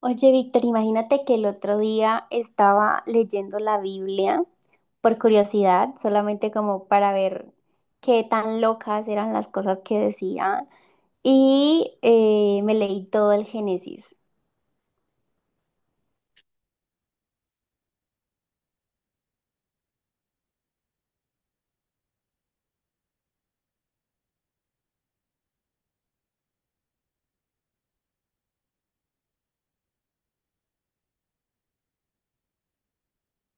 Oye, Víctor, imagínate que el otro día estaba leyendo la Biblia por curiosidad, solamente como para ver qué tan locas eran las cosas que decía, y me leí todo el Génesis.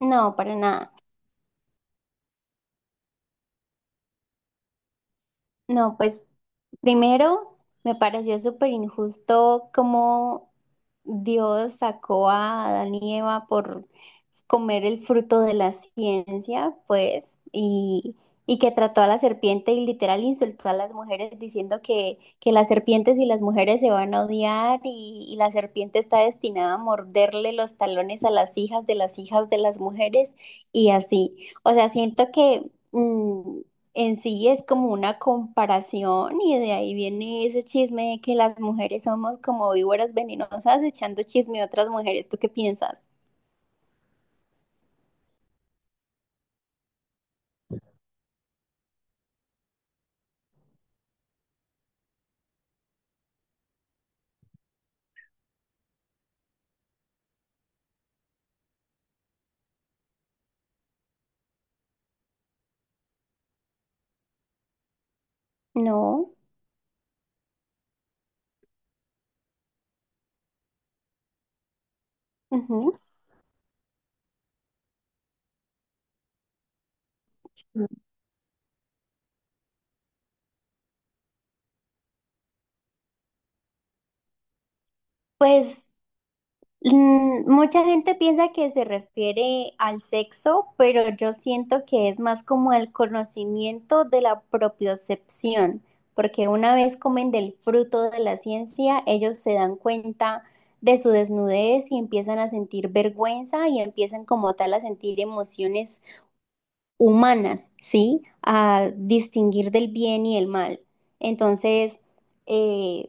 No, para nada. No, pues primero me pareció súper injusto cómo Dios sacó a Adán y Eva por comer el fruto de la ciencia, pues, y que trató a la serpiente y literal insultó a las mujeres diciendo que las serpientes y las mujeres se van a odiar y la serpiente está destinada a morderle los talones a las hijas de las hijas de las mujeres y así. O sea, siento que mm, en sí es como una comparación y de ahí viene ese chisme de que las mujeres somos como víboras venenosas echando chisme a otras mujeres. ¿Tú qué piensas? No. Ujú. Pues mucha gente piensa que se refiere al sexo, pero yo siento que es más como el conocimiento de la propiocepción, porque una vez comen del fruto de la ciencia, ellos se dan cuenta de su desnudez y empiezan a sentir vergüenza y empiezan como tal a sentir emociones humanas, ¿sí? A distinguir del bien y el mal. Entonces, eh,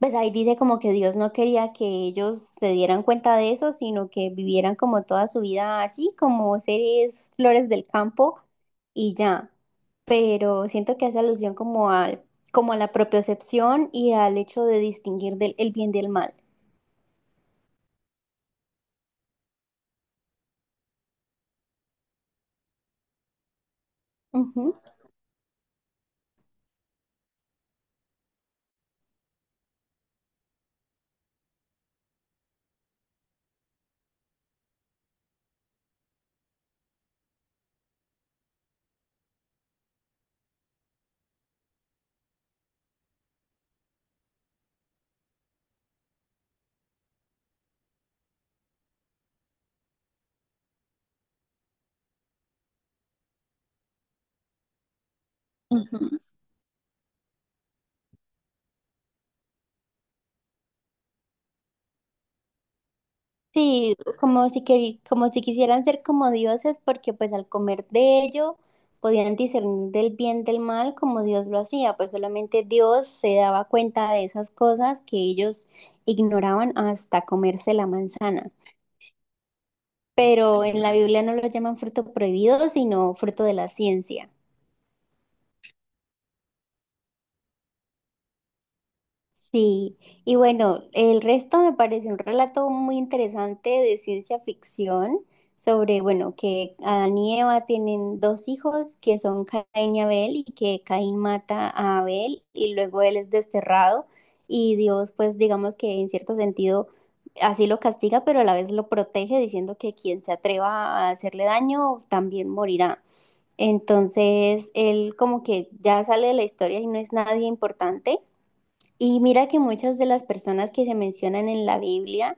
pues ahí dice como que Dios no quería que ellos se dieran cuenta de eso, sino que vivieran como toda su vida así, como seres flores del campo y ya. Pero siento que hace alusión como a la propiocepción y al hecho de distinguir el bien del mal. Ujú, ujú. Sí, como si, como si quisieran ser como dioses, porque pues al comer de ello podían discernir del bien del mal como Dios lo hacía, pues solamente Dios se daba cuenta de esas cosas que ellos ignoraban hasta comerse la manzana. Pero en la Biblia no lo llaman fruto prohibido, sino fruto de la ciencia. Sí, y bueno, el resto me parece un relato muy interesante de ciencia ficción sobre, bueno, que Adán y Eva tienen dos hijos que son Caín y Abel y que Caín mata a Abel y luego él es desterrado y Dios pues digamos que en cierto sentido así lo castiga pero a la vez lo protege diciendo que quien se atreva a hacerle daño también morirá. Entonces él como que ya sale de la historia y no es nadie importante y mira que muchas de las personas que se mencionan en la Biblia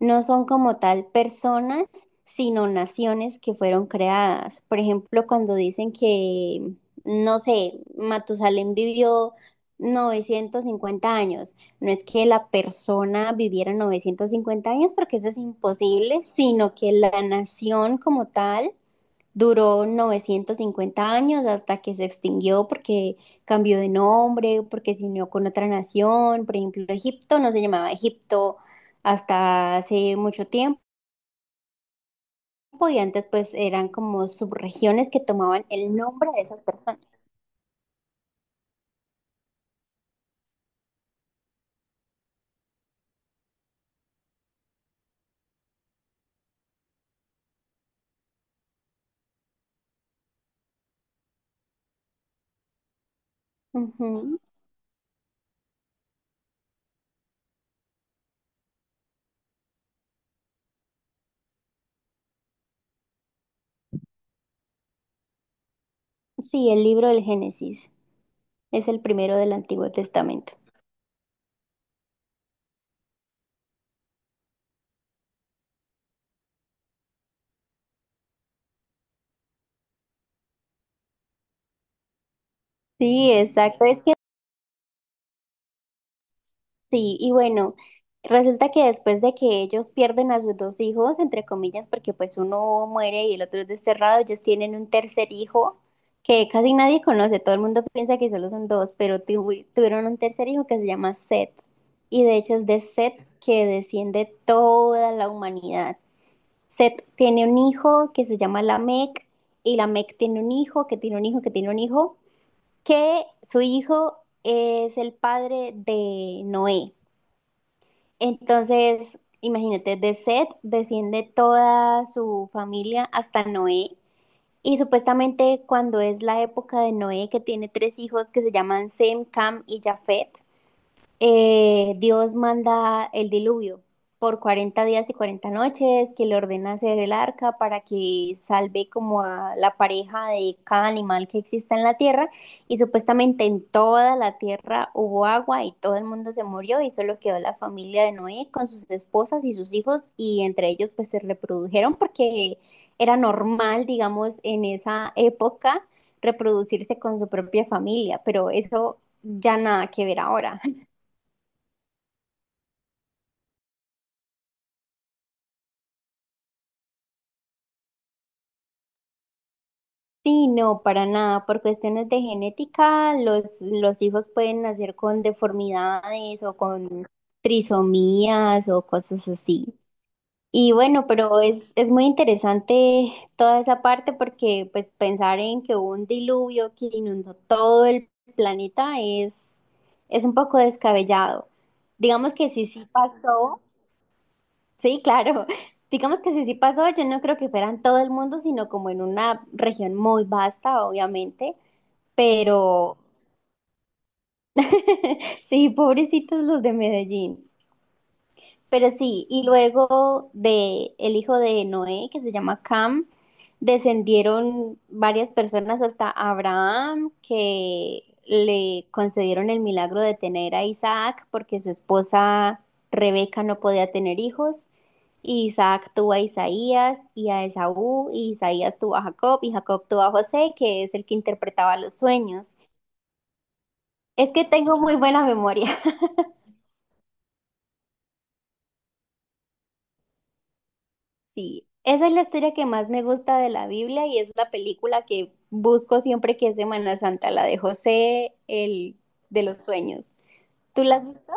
no son como tal personas, sino naciones que fueron creadas. Por ejemplo, cuando dicen que, no sé, Matusalén vivió 950 años, no es que la persona viviera 950 años porque eso es imposible, sino que la nación como tal duró 950 años hasta que se extinguió porque cambió de nombre, porque se unió con otra nación. Por ejemplo, Egipto no se llamaba Egipto hasta hace mucho tiempo y antes pues eran como subregiones que tomaban el nombre de esas personas. Ujú. Sí, el libro del Génesis es el primero del Antiguo Testamento. Sí, exacto. Es Sí, y bueno, resulta que después de que ellos pierden a sus dos hijos, entre comillas, porque pues uno muere y el otro es desterrado, ellos tienen un tercer hijo que casi nadie conoce, todo el mundo piensa que solo son dos, pero tuvieron un tercer hijo que se llama Seth, y de hecho es de Seth que desciende toda la humanidad. Seth tiene un hijo que se llama Lamec, y Lamec tiene un hijo que tiene un hijo que tiene un hijo, que su hijo es el padre de Noé. Entonces, imagínate, de Seth desciende toda su familia hasta Noé. Y supuestamente cuando es la época de Noé, que tiene tres hijos que se llaman Sem, Cam y Jafet, Dios manda el diluvio por 40 días y 40 noches, que le ordena hacer el arca para que salve como a la pareja de cada animal que exista en la tierra. Y supuestamente en toda la tierra hubo agua y todo el mundo se murió y solo quedó la familia de Noé con sus esposas y sus hijos y entre ellos pues se reprodujeron porque era normal, digamos, en esa época reproducirse con su propia familia, pero eso ya nada que ver ahora. Sí, no, para nada. Por cuestiones de genética, los hijos pueden nacer con deformidades o con trisomías o cosas así. Y bueno, pero es muy interesante toda esa parte porque pues pensar en que hubo un diluvio que inundó todo el planeta es un poco descabellado. Digamos que sí, sí pasó. Sí, claro. Digamos que si sí pasó, yo no creo que fuera en todo el mundo, sino como en una región muy vasta, obviamente, pero sí, pobrecitos los de Medellín. Pero sí, y luego de el hijo de Noé, que se llama Cam, descendieron varias personas hasta Abraham, que le concedieron el milagro de tener a Isaac, porque su esposa Rebeca no podía tener hijos. Y Isaac tuvo a Isaías y a Esaú, y Isaías tuvo a Jacob, y Jacob tuvo a José, que es el que interpretaba los sueños. Es que tengo muy buena memoria. Sí, esa es la historia que más me gusta de la Biblia y es la película que busco siempre que es Semana Santa, la de José, el de los sueños. ¿Tú la has visto?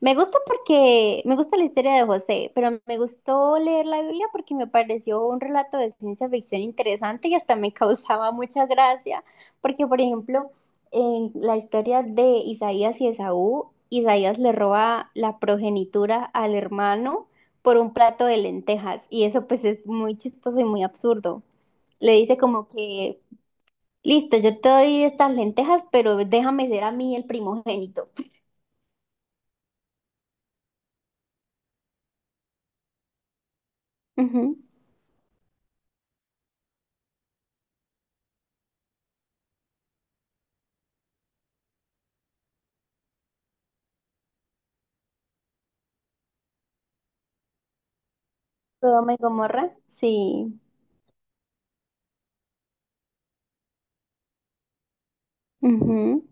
Me gusta porque me gusta la historia de José, pero me gustó leer la Biblia porque me pareció un relato de ciencia ficción interesante y hasta me causaba mucha gracia, porque por ejemplo, en la historia de Isaías y Esaú, Isaías le roba la progenitura al hermano por un plato de lentejas y eso pues es muy chistoso y muy absurdo. Le dice como que, listo, yo te doy estas lentejas, pero déjame ser a mí el primogénito. Ujú. Sodoma y Gomorra, sí. Ujú.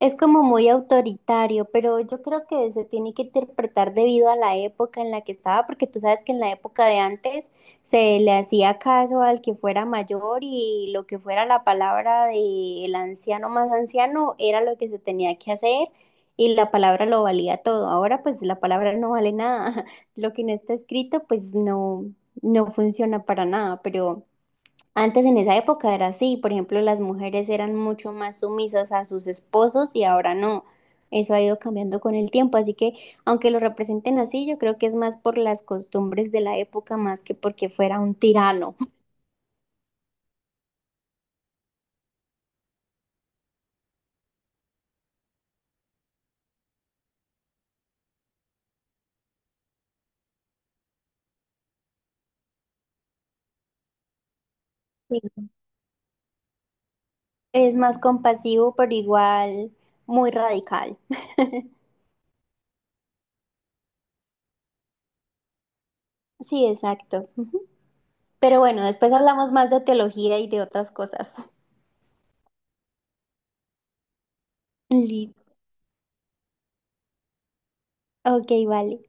Es como muy autoritario, pero yo creo que se tiene que interpretar debido a la época en la que estaba, porque tú sabes que en la época de antes se le hacía caso al que fuera mayor y lo que fuera la palabra del anciano más anciano era lo que se tenía que hacer y la palabra lo valía todo. Ahora pues la palabra no vale nada. Lo que no está escrito pues no, no funciona para nada. Pero... Antes en esa época era así, por ejemplo, las mujeres eran mucho más sumisas a sus esposos y ahora no. Eso ha ido cambiando con el tiempo, así que aunque lo representen así, yo creo que es más por las costumbres de la época más que porque fuera un tirano. Sí. Es más compasivo, pero igual muy radical. Sí, exacto. Ujú. Pero bueno, después hablamos más de teología y de otras cosas. Listo. Ok, vale.